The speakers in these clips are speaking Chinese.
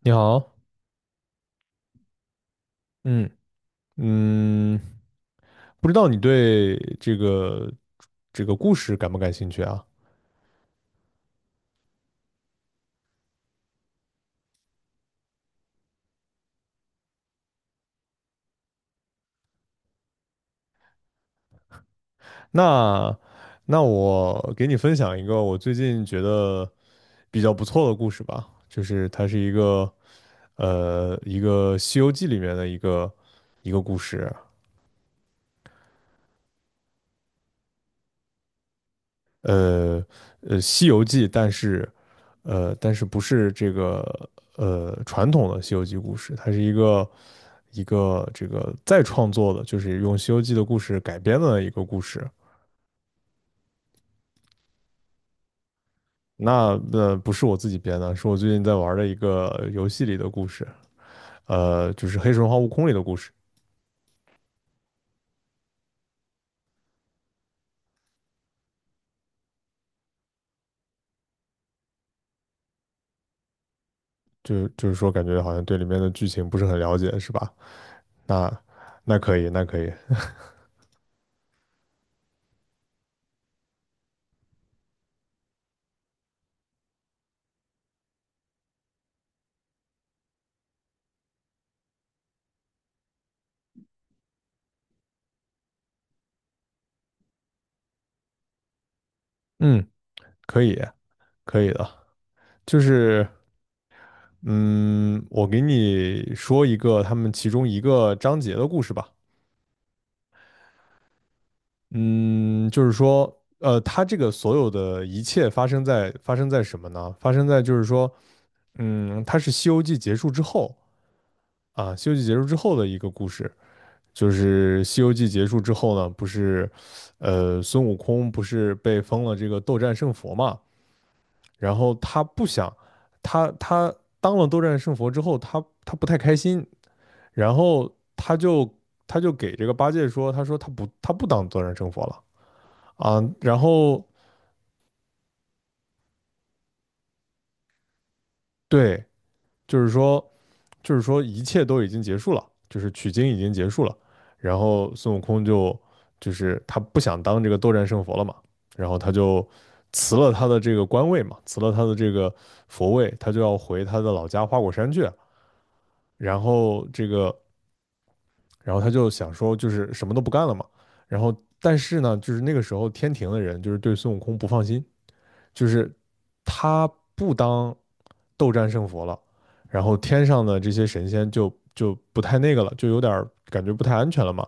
你好。嗯嗯，不知道你对这个故事感不感兴趣啊？那那我给你分享一个我最近觉得比较不错的故事吧，就是它是一个一个《西游记》里面的一个故事。呃《西游记》，但是不是这个传统的《西游记》故事，它是一个这个再创作的，就是用《西游记》的故事改编的一个故事。那不是我自己编的，是我最近在玩的一个游戏里的故事，就是《黑神话：悟空》里的故事。就是说，感觉好像对里面的剧情不是很了解，是吧？那那可以，那可以。嗯，可以，可以的。就是嗯，我给你说一个他们其中一个章节的故事吧。嗯，就是说，他这个所有的一切发生在什么呢？发生在就是说，他是《西游记》结束之后啊，《西游记》结束之后的一个故事。就是《西游记》结束之后呢，不是，孙悟空不是被封了这个斗战胜佛嘛？然后他不想，他当了斗战胜佛之后，他不太开心，然后他就他就给这个八戒说，他说他不当斗战胜佛了啊。然后对，就是说就是说一切都已经结束了，就是取经已经结束了，然后孙悟空就是他不想当这个斗战胜佛了嘛，然后他就辞了他的这个官位嘛，辞了他的这个佛位，他就要回他的老家花果山去，然后这个然后他就想说，就是什么都不干了嘛。然后，但是呢，就是那个时候天庭的人就是对孙悟空不放心，就是他不当斗战胜佛了，然后天上的这些神仙就不太那个了，就有点感觉不太安全了嘛。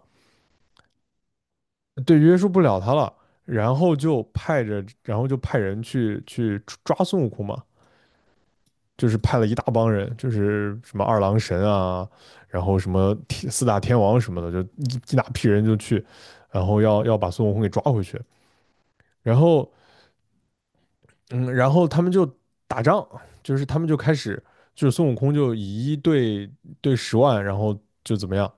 对，约束不了他了。然后就派着，然后就派人去抓孙悟空嘛。就是派了一大帮人，就是什么二郎神啊，然后什么四大天王什么的，就一大批人就去，然后要把孙悟空给抓回去。然后，嗯，然后他们就打仗，就是他们就开始，就是孙悟空就以一对十万，然后就怎么样。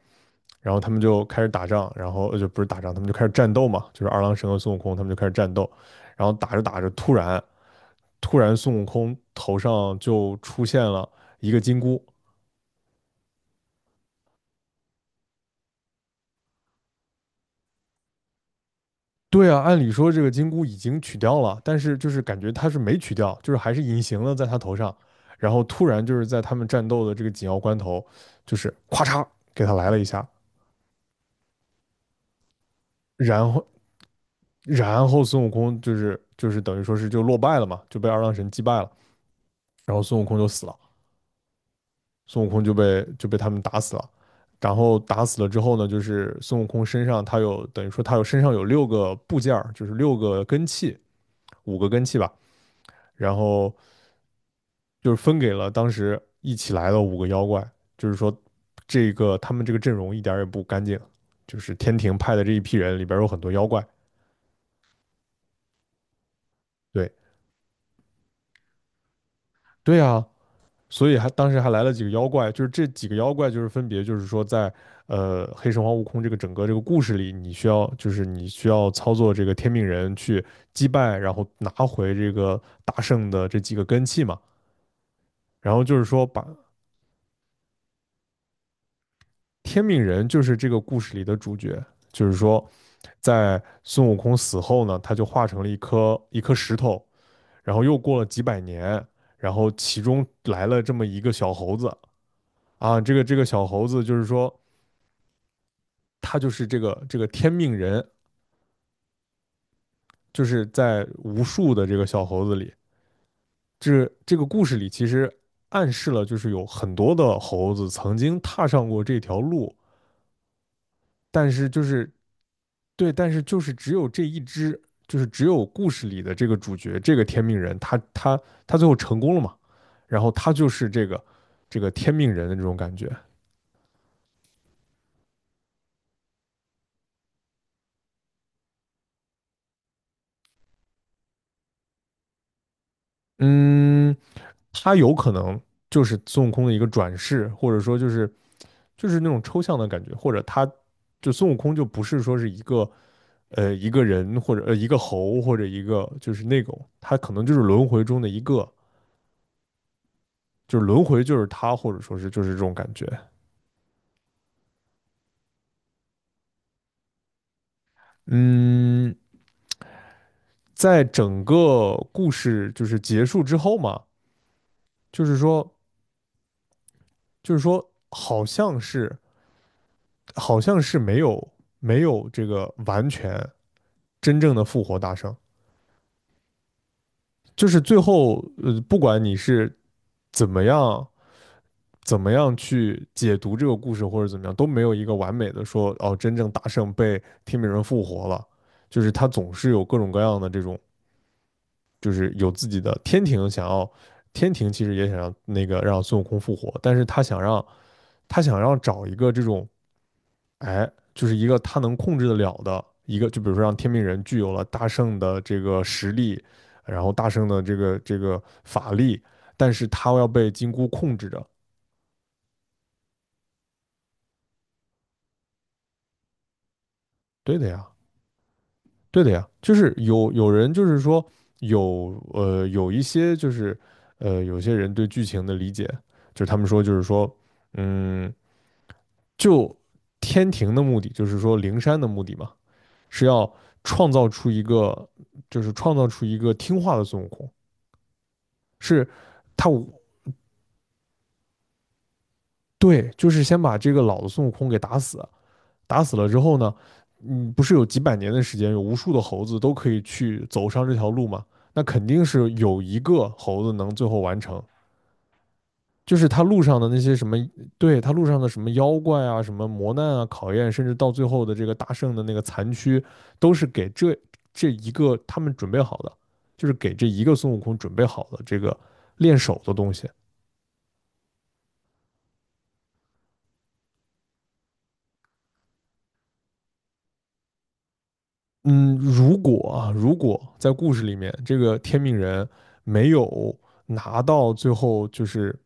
然后他们就开始打仗，然后就不是打仗，他们就开始战斗嘛，就是二郎神和孙悟空他们就开始战斗，然后打着打着，突然孙悟空头上就出现了一个金箍。对啊，按理说这个金箍已经取掉了，但是就是感觉他是没取掉，就是还是隐形了在他头上，然后突然就是在他们战斗的这个紧要关头，就是咵嚓给他来了一下。然后然后孙悟空就是等于说是就落败了嘛，就被二郎神击败了，然后孙悟空就死了，孙悟空就被他们打死了。然后打死了之后呢，就是孙悟空身上等于说身上有六个部件儿，就是六个根器，五个根器吧。然后就是分给了当时一起来的五个妖怪，就是说这个他们这个阵容一点儿也不干净，就是天庭派的这一批人里边儿有很多妖怪。对对啊，所以还当时还来了几个妖怪，就是这几个妖怪就是分别就是说在黑神话悟空这个整个这个故事里，你需要操作这个天命人去击败，然后拿回这个大圣的这几个根器嘛。然后就是说把天命人就是这个故事里的主角。就是说，在孙悟空死后呢，他就化成了一颗石头，然后又过了几百年，然后其中来了这么一个小猴子啊，这个小猴子就是说，他就是这个天命人，就是在无数的这个小猴子里，这个故事里其实暗示了，就是有很多的猴子曾经踏上过这条路，但是就是对，但是就是只有这一只，就是只有故事里的这个主角，这个天命人，他最后成功了嘛？然后他就是这个天命人的这种感觉。嗯，他有可能就是孙悟空的一个转世，或者说就是那种抽象的感觉，或者他就孙悟空就不是说是一个人或者一个猴或者一个就是那种，他可能就是轮回中的一个，就是轮回就是他，或者说是就是这种感觉。嗯。在整个故事就是结束之后嘛，就是说，就是说，好像是没有这个完全真正的复活大圣，就是最后，不管你是怎么样怎么样去解读这个故事或者怎么样，都没有一个完美的说哦，真正大圣被天命人复活了，就是他总是有各种各样的这种就是有自己的天庭，天庭其实也想让那个让孙悟空复活，但是他想让找一个这种哎，就是一个他能控制得了的一个，就比如说让天命人具有了大圣的这个实力，然后大圣的这个法力，但是他要被金箍控制着。对的呀，对的呀，就是有人就是说有一些就是有些人对剧情的理解，就是他们说嗯。就天庭的目的，就是说灵山的目的嘛，是要创造出一个，就是创造出一个听话的孙悟空。是。他。对，就是先把这个老的孙悟空给打死，打死了之后呢，不是有几百年的时间，有无数的猴子都可以去走上这条路吗？那肯定是有一个猴子能最后完成，就是他路上的那些什么。对，他路上的什么妖怪啊、什么磨难啊、考验，甚至到最后的这个大圣的那个残躯，都是给这一个他们准备好的，就是给这一个孙悟空准备好的这个练手的东西。嗯，如果啊，如果在故事里面这个天命人没有拿到最后，就是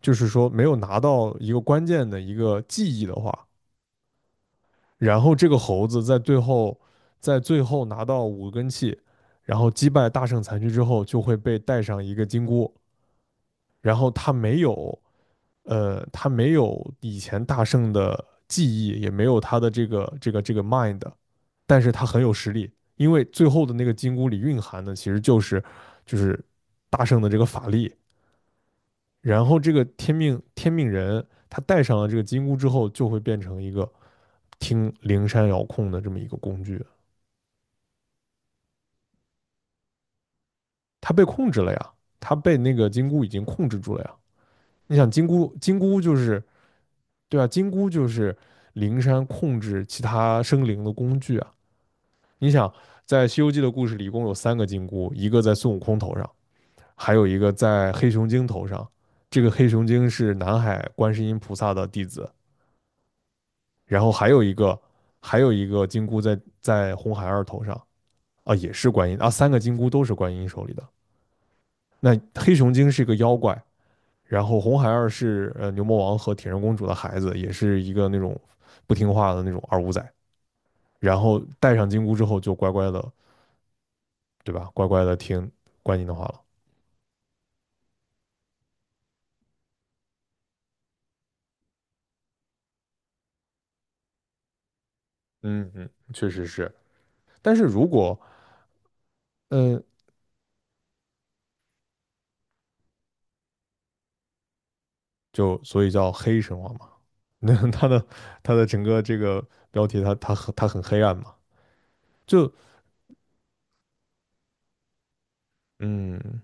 就是说没有拿到一个关键的一个记忆的话，然后这个猴子在最后拿到五根气，然后击败大圣残躯之后，就会被带上一个金箍。然后他没有，他没有以前大圣的记忆，也没有他的这个 mind，但是他很有实力，因为最后的那个金箍里蕴含的其实就是大圣的这个法力。然后这个天命人，他戴上了这个金箍之后，就会变成一个听灵山遥控的这么一个工具。他被控制了呀，他被那个金箍已经控制住了呀。你想金箍，金箍就是。对啊，金箍就是灵山控制其他生灵的工具啊。你想，在《西游记》的故事里，一共有三个金箍，一个在孙悟空头上，还有一个在黑熊精头上。这个黑熊精是南海观世音菩萨的弟子，然后还有一个金箍在红孩儿头上啊，也是观音啊，三个金箍都是观音手里的。那黑熊精是一个妖怪，然后红孩儿是牛魔王和铁扇公主的孩子，也是一个那种不听话的那种二五仔。然后戴上金箍之后，就乖乖的，对吧？乖乖的听观音的话了。嗯嗯，确实是。但是如果嗯，就所以叫黑神话嘛。那 他的整个这个标题他很黑暗嘛。就嗯，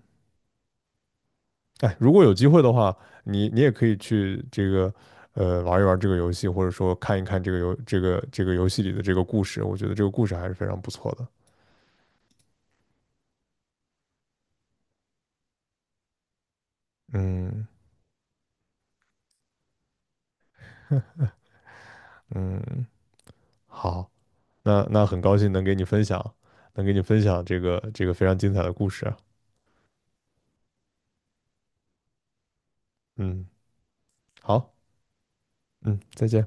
哎，如果有机会的话，你也可以去玩一玩这个游戏，或者说看一看这个游这个这个游戏里的这个故事，我觉得这个故事还是非常不错的。嗯嗯，好。那很高兴能给你分享，能给你分享这个非常精彩的故事啊，嗯，好，嗯，再见。